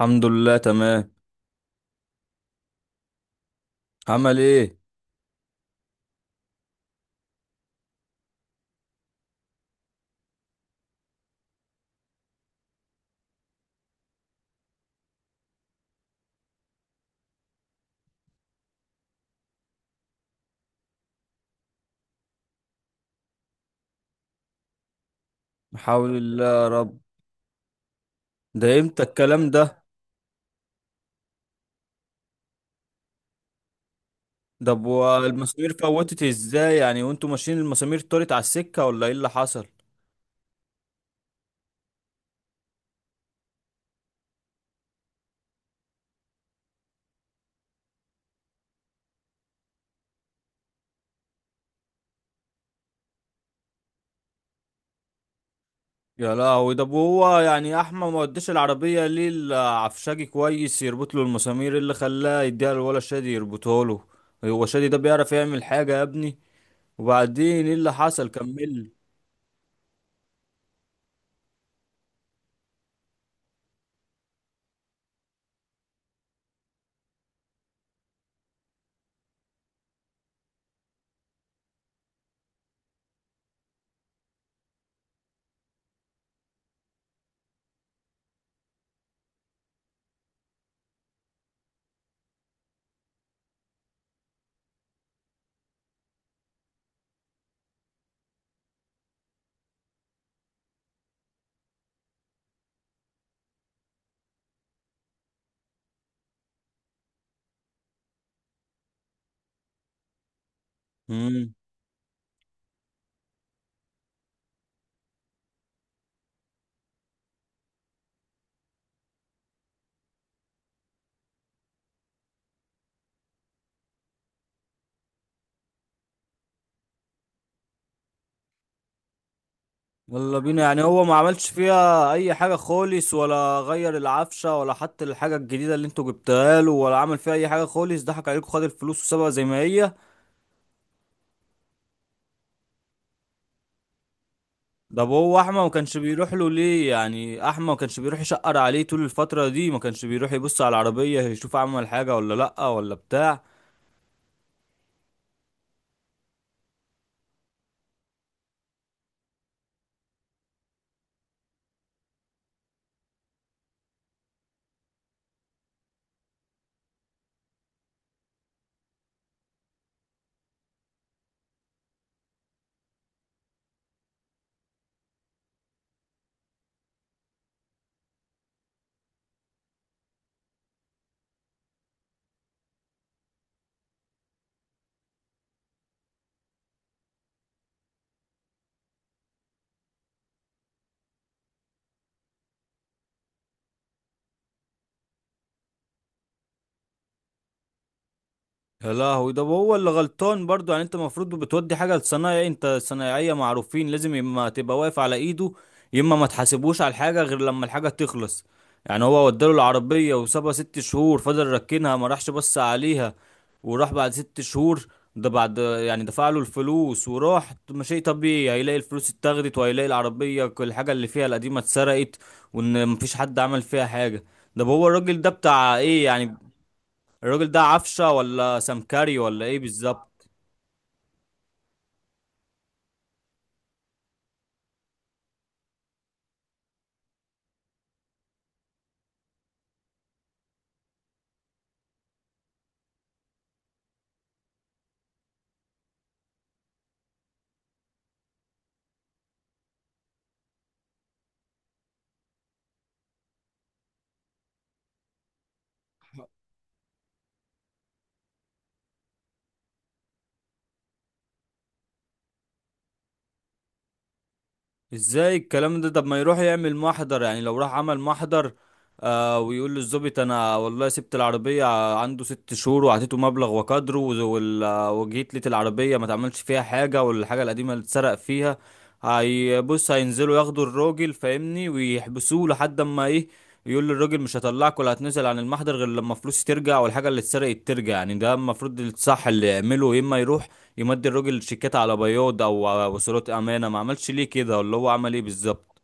الحمد لله تمام. عمل ايه. حول الله يا رب. ده امتى الكلام ده؟ ده والمسامير فوتت ازاي يعني؟ وانتوا ماشيين المسامير طارت على السكة ولا ايه اللي حصل؟ يا لهوي، ده هو يعني احمد ما وداش العربية ليه العفشاجي كويس يربط له المسامير؟ إيه اللي خلاه يديها للولا شادي يربطه له؟ هو شادي ده بيعرف يعمل حاجة يا ابني؟ وبعدين ايه اللي حصل، كمل. يلا بينا، يعني هو ما عملش فيها اي حاجه خالص؟ ولا غير العفشه، ولا حتى الحاجه الجديده اللي انتوا جبتها له، ولا عمل فيها اي حاجه خالص؟ ضحك عليكم، خد الفلوس وسابها زي ما هي. ده هو احمد ما كانش بيروح له ليه؟ يعني احمد ما كانش بيروح يشقر عليه طول الفتره دي؟ ما كانش بيروح يبص على العربيه يشوف عمل حاجه ولا لا، ولا بتاع؟ يا لهوي، ده هو اللي غلطان برضو. يعني انت المفروض بتودي حاجه لصنايعي، انت صنايعيه معروفين، لازم يا اما تبقى واقف على ايده، يا اما ما تحاسبوش على الحاجه غير لما الحاجه تخلص. يعني هو وداله العربيه وسابها ست شهور، فضل ركنها ما راحش بص عليها وراح بعد ست شهور؟ ده بعد يعني دفع له الفلوس وراح، طب ما شيء طبيعي هيلاقي الفلوس اتاخدت، وهيلاقي العربيه كل الحاجه اللي فيها القديمه اتسرقت، وان مفيش حد عمل فيها حاجه. ده هو الراجل ده بتاع ايه يعني؟ الراجل ده عفشه ولا سمكري ولا ايه بالظبط؟ ازاي الكلام ده؟ طب ما يروح يعمل محضر. يعني لو راح عمل محضر ويقول للظابط انا والله سبت العربيه عنده ست شهور وعطيته مبلغ وقدره وجيت لقيت العربيه ما تعملش فيها حاجه، والحاجه القديمه اللي اتسرق فيها، هيبص هينزلوا ياخدوا الراجل فاهمني ويحبسوه لحد اما ايه، يقول للراجل مش هطلعك ولا هتنزل عن المحضر غير لما فلوسي ترجع والحاجه اللي اتسرقت ترجع. يعني ده المفروض الصح اللي يعمله، يا اما يروح يمد الراجل شيكات على بياض او على وصولات امانه. ما عملش ليه كده؟ ولا هو عمل ايه بالظبط؟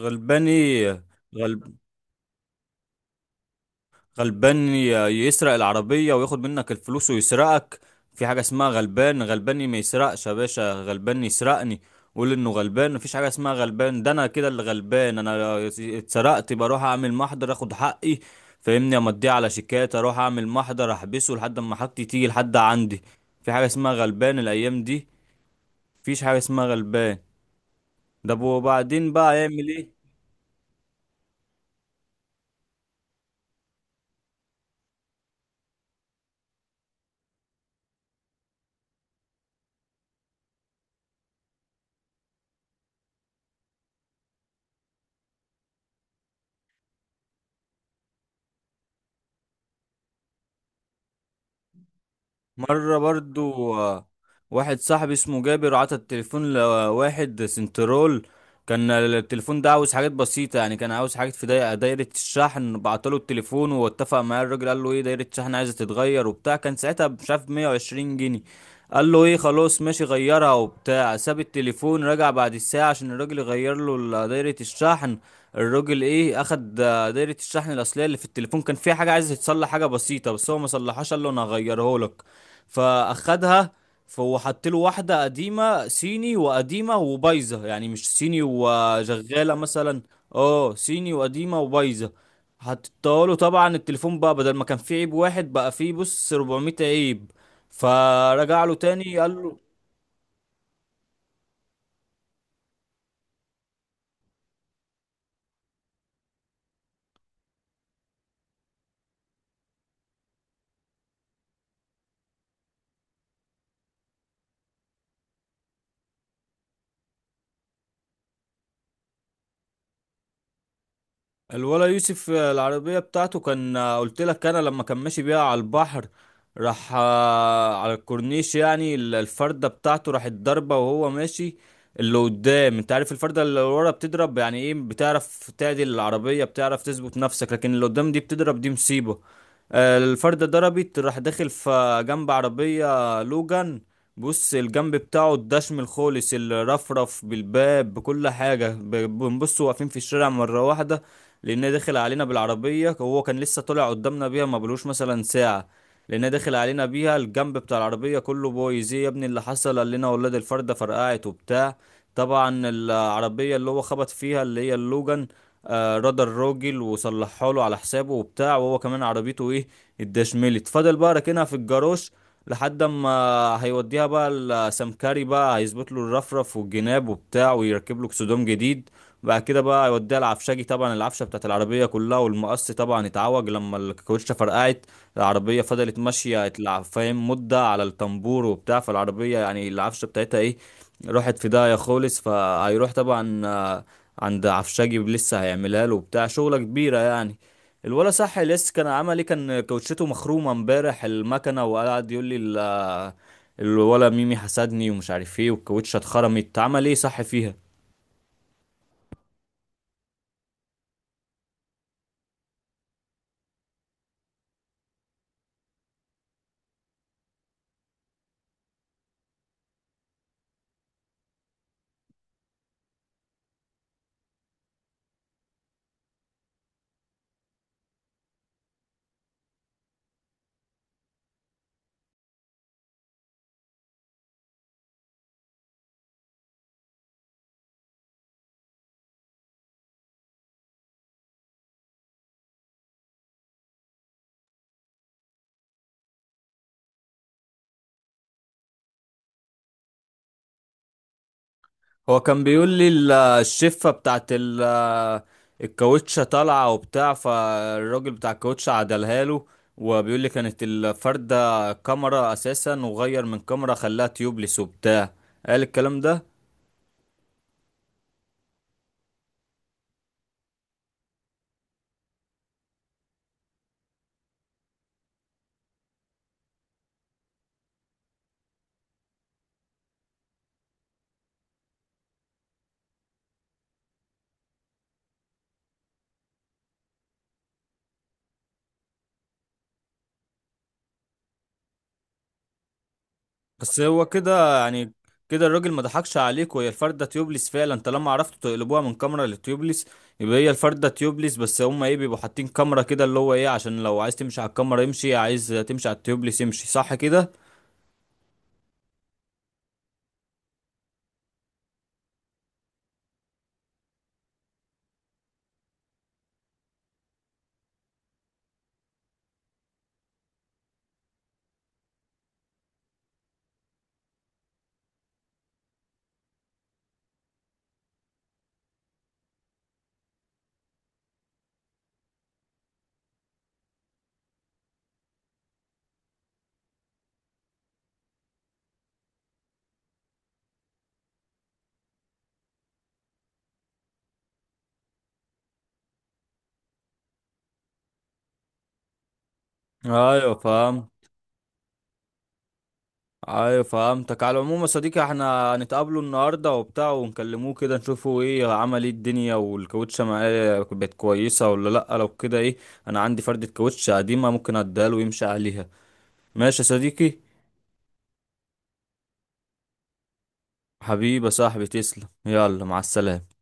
غلباني؟ غلب؟ غلبان ي- يسرق العربيه وياخد منك الفلوس ويسرقك؟ في حاجه اسمها غلبان؟ غلباني ما يسرقش يا باشا، غلبان يسرقني؟ قول انه غلبان، مفيش حاجه اسمها غلبان. ده انا كده اللي غلبان، انا اتسرقت، بروح اعمل محضر اخد حقي فاهمني، امضيه على شيكات، اروح اعمل محضر احبسه لحد ما حاجتي تيجي لحد عندي. في حاجه اسمها غلبان الايام دي؟ مفيش حاجه اسمها غلبان. ده وبعدين بقى يعمل ايه؟ مرة برضو واحد صاحبي اسمه جابر عطى التليفون لواحد سنترول. كان التليفون ده عاوز حاجات بسيطة، يعني كان عاوز حاجات في دايرة الشحن. بعتله التليفون واتفق معاه الراجل، قال له ايه، دايرة الشحن عايزة تتغير وبتاع، كان ساعتها مش عارف 120 جنيه. قال له ايه، خلاص ماشي غيرها وبتاع، ساب التليفون رجع بعد الساعة عشان الراجل يغير له دايرة الشحن. الراجل ايه، اخد دايرة الشحن الاصلية اللي في التليفون، كان فيها حاجة عايز يتصلح حاجة بسيطة بس هو ما صلحهاش، قال له انا هغيره لك، فاخدها. فهو حط له واحده قديمه صيني، وقديمه وبايظه، يعني مش صيني وشغاله مثلا، اه، صيني وقديمه وبايظه حطيتها له. طبعا التليفون بقى بدل ما كان فيه عيب واحد، بقى فيه بص 400 عيب. فرجع له تاني قال له، الولا يوسف، العربية بتاعته كان، قلت لك انا لما كان ماشي بيها على البحر، راح على الكورنيش، يعني الفردة بتاعته راحت ضربة وهو ماشي. اللي قدام انت عارف، الفردة اللي ورا بتضرب يعني ايه، بتعرف تعدل العربية، بتعرف تثبت نفسك، لكن اللي قدام دي بتضرب دي مصيبة. الفردة ضربت، راح داخل في جنب عربية، لوجان. بص، الجنب بتاعه الدشم الخالص، الرفرف بالباب بكل حاجة، بنبص واقفين في الشارع مرة واحدة، لان داخل علينا بالعربيه. هو كان لسه طلع قدامنا بيها ما بلوش مثلا ساعه، لان داخل علينا بيها، الجنب بتاع العربيه كله بويز. ايه يا ابني اللي حصل؟ قال لنا ولاد الفرده فرقعت وبتاع. طبعا العربيه اللي هو خبط فيها اللي هي اللوجان، آه، رد الراجل وصلحها له على حسابه وبتاع، وهو كمان عربيته ايه، اتدشملت، فضل بقى راكنها في الجاروش لحد اما هيوديها بقى السمكري، بقى هيظبط له الرفرف والجناب وبتاع، ويركب له اكسدام جديد. بعد كده بقى يوديها العفشاجي، طبعا العفشه بتاعت العربيه كلها والمقص طبعا اتعوج لما الكاوتشه فرقعت، العربيه فضلت ماشيه فاهم، مده على الطنبور وبتاع، فالعربيه يعني العفشه بتاعتها ايه، راحت في داهيه خالص. فهيروح طبعا عند عفشاجي لسه هيعملها له وبتاع، شغله كبيره يعني. الولا صح لسه كان عمل ايه؟ كان كاوتشته مخرومه امبارح المكنه، وقعد يقول لي الولا ميمي حسدني ومش عارف ايه، والكاوتشه اتخرمت. عمل ايه صح فيها؟ هو كان بيقول لي الشفة بتاعت الكاوتشة طالعة وبتاع، فالراجل بتاع الكاوتشة عدلها له، وبيقول لي كانت الفردة كاميرا أساسا، وغير من كاميرا خلاها تيوبلس وبتاع، قال الكلام ده. بس هو كده يعني، كده الراجل ما ضحكش عليك وهي الفردة تيوبلس فعلا، طالما عرفتوا تقلبوها من كاميرا لتيوبلس، يبقى هي الفردة تيوبلس. بس هما ايه، بيبقوا حاطين كاميرا كده اللي هو ايه، عشان لو عايز تمشي على الكاميرا يمشي، عايز تمشي على التيوبلس يمشي، صح كده؟ ايوه فهمت. ايوه فهمتك. على العموم يا صديقي، احنا هنتقابله النهارده وبتاع، ونكلموه كده نشوفه ايه، عمل ايه الدنيا، والكاوتشه معاه بقت كويسه ولا لا. لو كده ايه، انا عندي فردة كاوتشه قديمه ممكن اديها له ويمشي عليها. ماشي يا صديقي؟ حبيبي يا صاحبي، تسلم، يلا مع السلامه.